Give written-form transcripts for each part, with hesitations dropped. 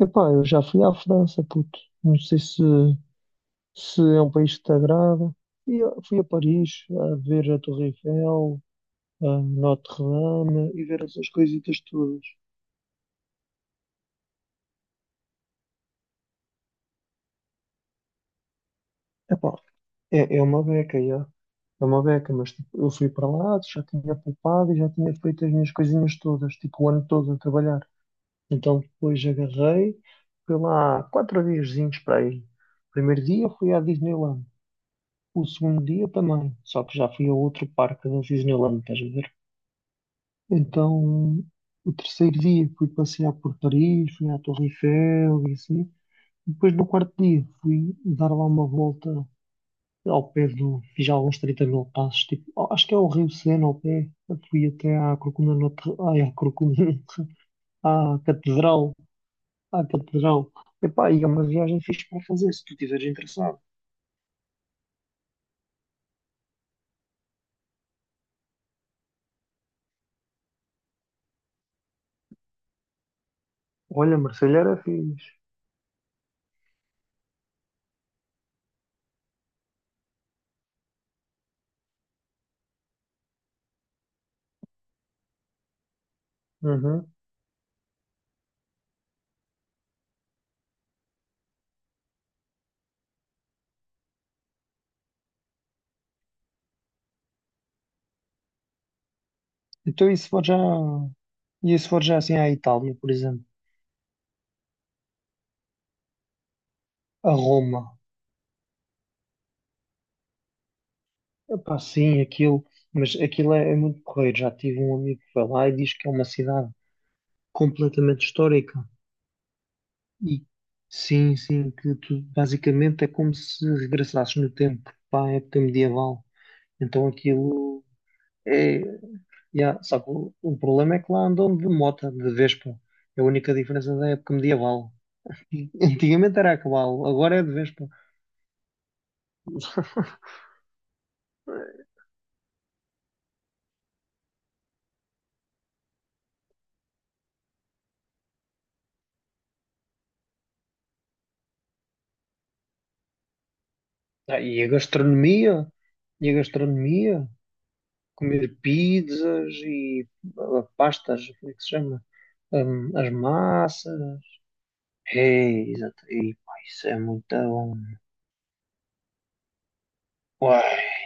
Epá, eu já fui à França, puto. Não sei se, se é um país que te agrada. Fui a Paris a ver a Torre Eiffel, a Notre-Dame e ver essas coisitas todas. Epá, é, é uma beca, já. É uma beca, mas tipo, eu fui para lá, já tinha poupado e já tinha feito as minhas coisinhas todas, tipo o ano todo a trabalhar. Então depois agarrei, fui lá quatro diazinhos para aí. Primeiro dia fui à Disneyland. O segundo dia também, só que já fui a outro parque da Disneyland, estás a ver? Então, o terceiro dia fui passear por Paris, fui à Torre Eiffel e assim. Depois, no quarto dia, fui dar lá uma volta ao pé do. Fiz alguns 30 mil passos, tipo, ó, acho que é o Rio Sena ao pé. Eu fui até à Corcunda Notre. Ai, à Corcunda Notre. À Catedral. À Catedral. Epá, e é uma viagem fixe para fazer, se tu estiveres interessado. Olha, Marselha era fixe. Uhum. Então, isso já. E se for já assim à Itália, por exemplo, a Roma, epá, sim, aquilo, mas aquilo é, é muito correio. Já tive um amigo que foi lá e diz que é uma cidade completamente histórica. E sim, sim, que tu basicamente é como se regressasses no tempo para a época medieval. Então aquilo é. Yeah, só que o problema é que lá andam de mota, de Vespa. É a única diferença da época medieval. Antigamente era a cavalo, agora é de Vespa. Ah, e a gastronomia? E a gastronomia? Comer pizzas e ah, pastas, como é que se chama? As massas. É, exato. E, pá, isso é muito bom. Uai.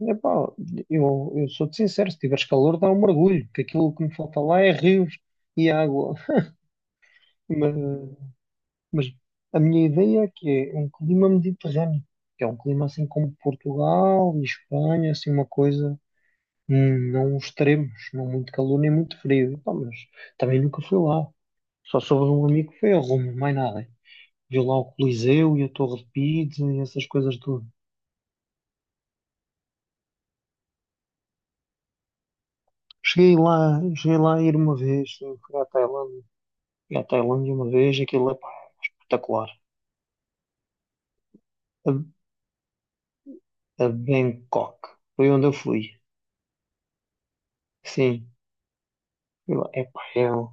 Epá, eu sou-te sincero, se tiveres calor dá um mergulho, que aquilo que me falta lá é rios e água. Mas, mas a minha ideia é que é um clima mediterrâneo, que é um clima assim como Portugal e Espanha, assim uma coisa. Não extremos, não muito calor nem muito frio. Pá, mas também nunca fui lá. Só soube de um amigo que foi a Roma, mais nada. Viu lá o Coliseu e a Torre de Pisa e essas coisas tudo. Cheguei lá a ir uma vez, sim, fui à Tailândia. Fui à Tailândia uma vez, aquilo é pá, espetacular. A, a Bangkok, foi onde eu fui. Sim, fui lá. Epá,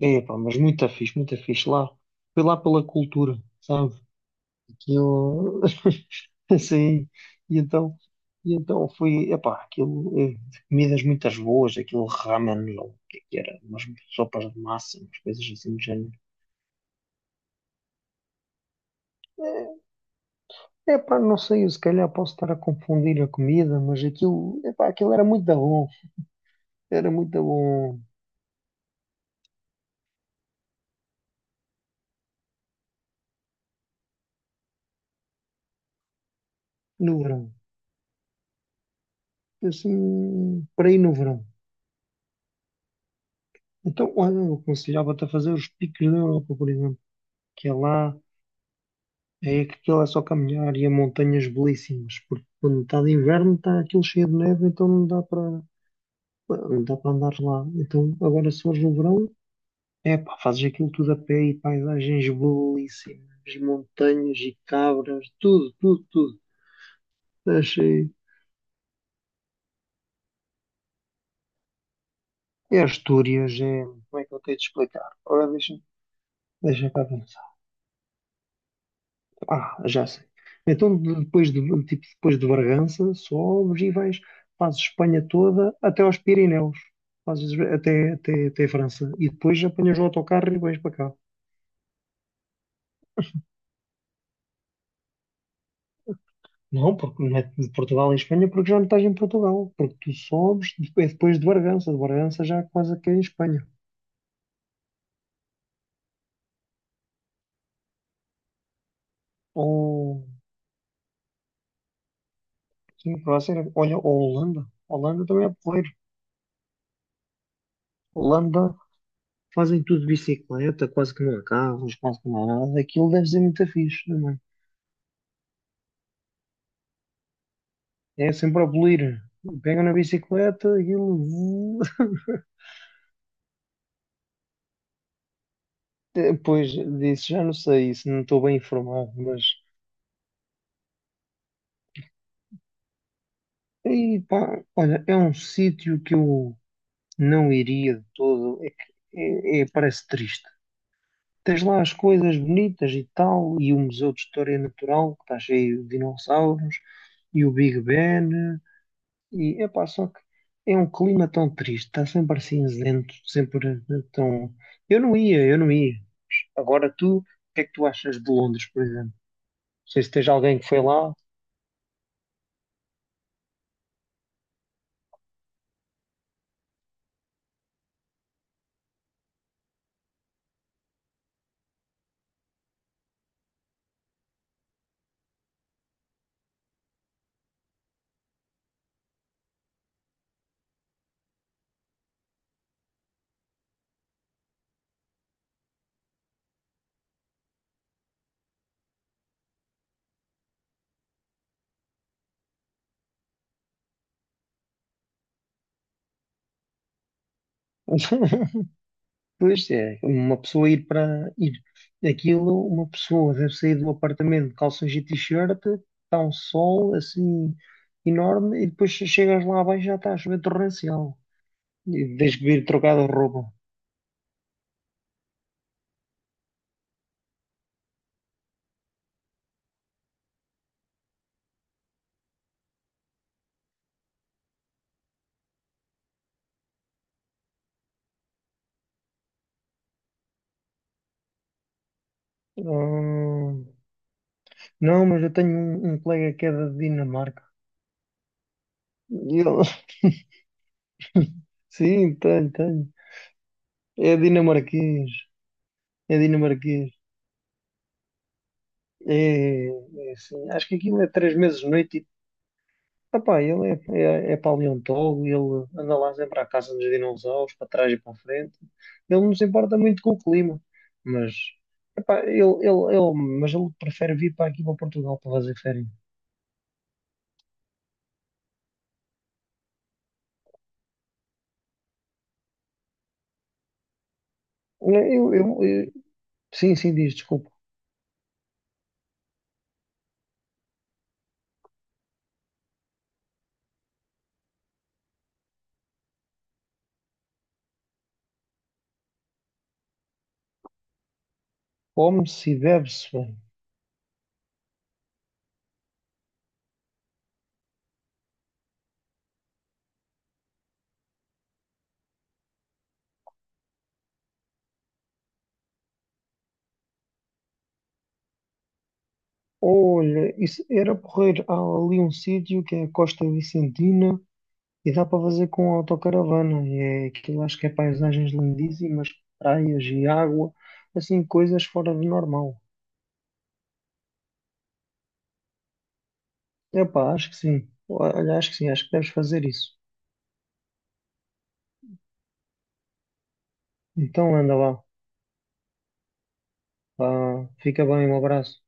epá, mas muito fixe lá. Fui lá pela cultura, sabe? Que eu assim, e então, e então fui, epá, aquilo, comidas muitas boas, aquilo ramen, ou o que é que era, umas sopas de massa, umas coisas assim do género. Eh, Epá, não sei, eu se calhar posso estar a confundir a comida, mas aquilo, epá, aquilo era muito da bom, era muito da bom no verão, assim, para ir no verão. Então, olha, eu aconselhava-te a fazer os picos da Europa, por exemplo, que é lá. É que aquilo é só caminhar e há montanhas belíssimas, porque quando está de inverno está aquilo cheio de neve, então não dá para andar lá. Então agora se fores no verão, é pá, fazes aquilo tudo a pé e paisagens belíssimas, montanhas e cabras, tudo, tudo, tudo. Achei. É Astúrias, é. Como é que eu tenho de explicar? Agora deixa, deixa cá ver. Ah, já sei. Então depois de, tipo, depois de Bargança, sobes e vais, fazes Espanha toda até aos Pirineus, fazes até França e depois apanhas o autocarro e vais para cá. Não, porque não é de Portugal em Espanha, porque já não estás em Portugal, porque tu sobes depois, depois de Bargança já é quase que é em Espanha. Ou, sim, para ser, olha, ou Holanda. Holanda também é porreiro. Holanda fazem tudo de bicicleta, quase que não há carros, quase que não há nada. Aquilo deve ser muito fixe, também. É sempre a bolir. Pegam na bicicleta, aquilo. Depois disso, já não sei se não estou bem informado, mas. E, pá, olha, é um sítio que eu não iria de todo. É que parece triste. Tens lá as coisas bonitas e tal, e o Museu de História Natural, que está cheio de dinossauros, e o Big Ben, e é pá, só que é um clima tão triste, está sempre cinzento, sempre tão. Eu não ia, eu não ia. Agora tu, o que é que tu achas de Londres, por exemplo? Não sei se tens alguém que foi lá. Pois é, uma pessoa ir para ir aquilo, uma pessoa deve sair do apartamento de calções e t-shirt, está um sol assim enorme e depois chegas lá abaixo e já está a chover torrencial. E tens que vir trocar de roupa. Hum, não, mas eu tenho um colega que é da Dinamarca. E ele- Sim, tenho, tenho. É dinamarquês. É dinamarquês. É, é assim, acho que aquilo é três meses de noite e opá, ele é, é paleontólogo, ele anda lá a sempre à caça dos dinossauros, para trás e para a frente. Ele não se importa muito com o clima, mas, epá, ele, mas ele prefere vir para aqui para Portugal para fazer férias. Eu, eu- eu- sim, sim, diz, desculpa. Come-se e bebe-se bem. Olha, isso era porreiro. Há ali um sítio que é a Costa Vicentina e dá para fazer com autocaravana. E é aquilo, acho que é paisagens lindíssimas, praias e água, assim, coisas fora do normal. Epá, acho que sim. Olha, acho que sim, acho que deves fazer isso. Então anda lá. Vá, fica bem, um abraço.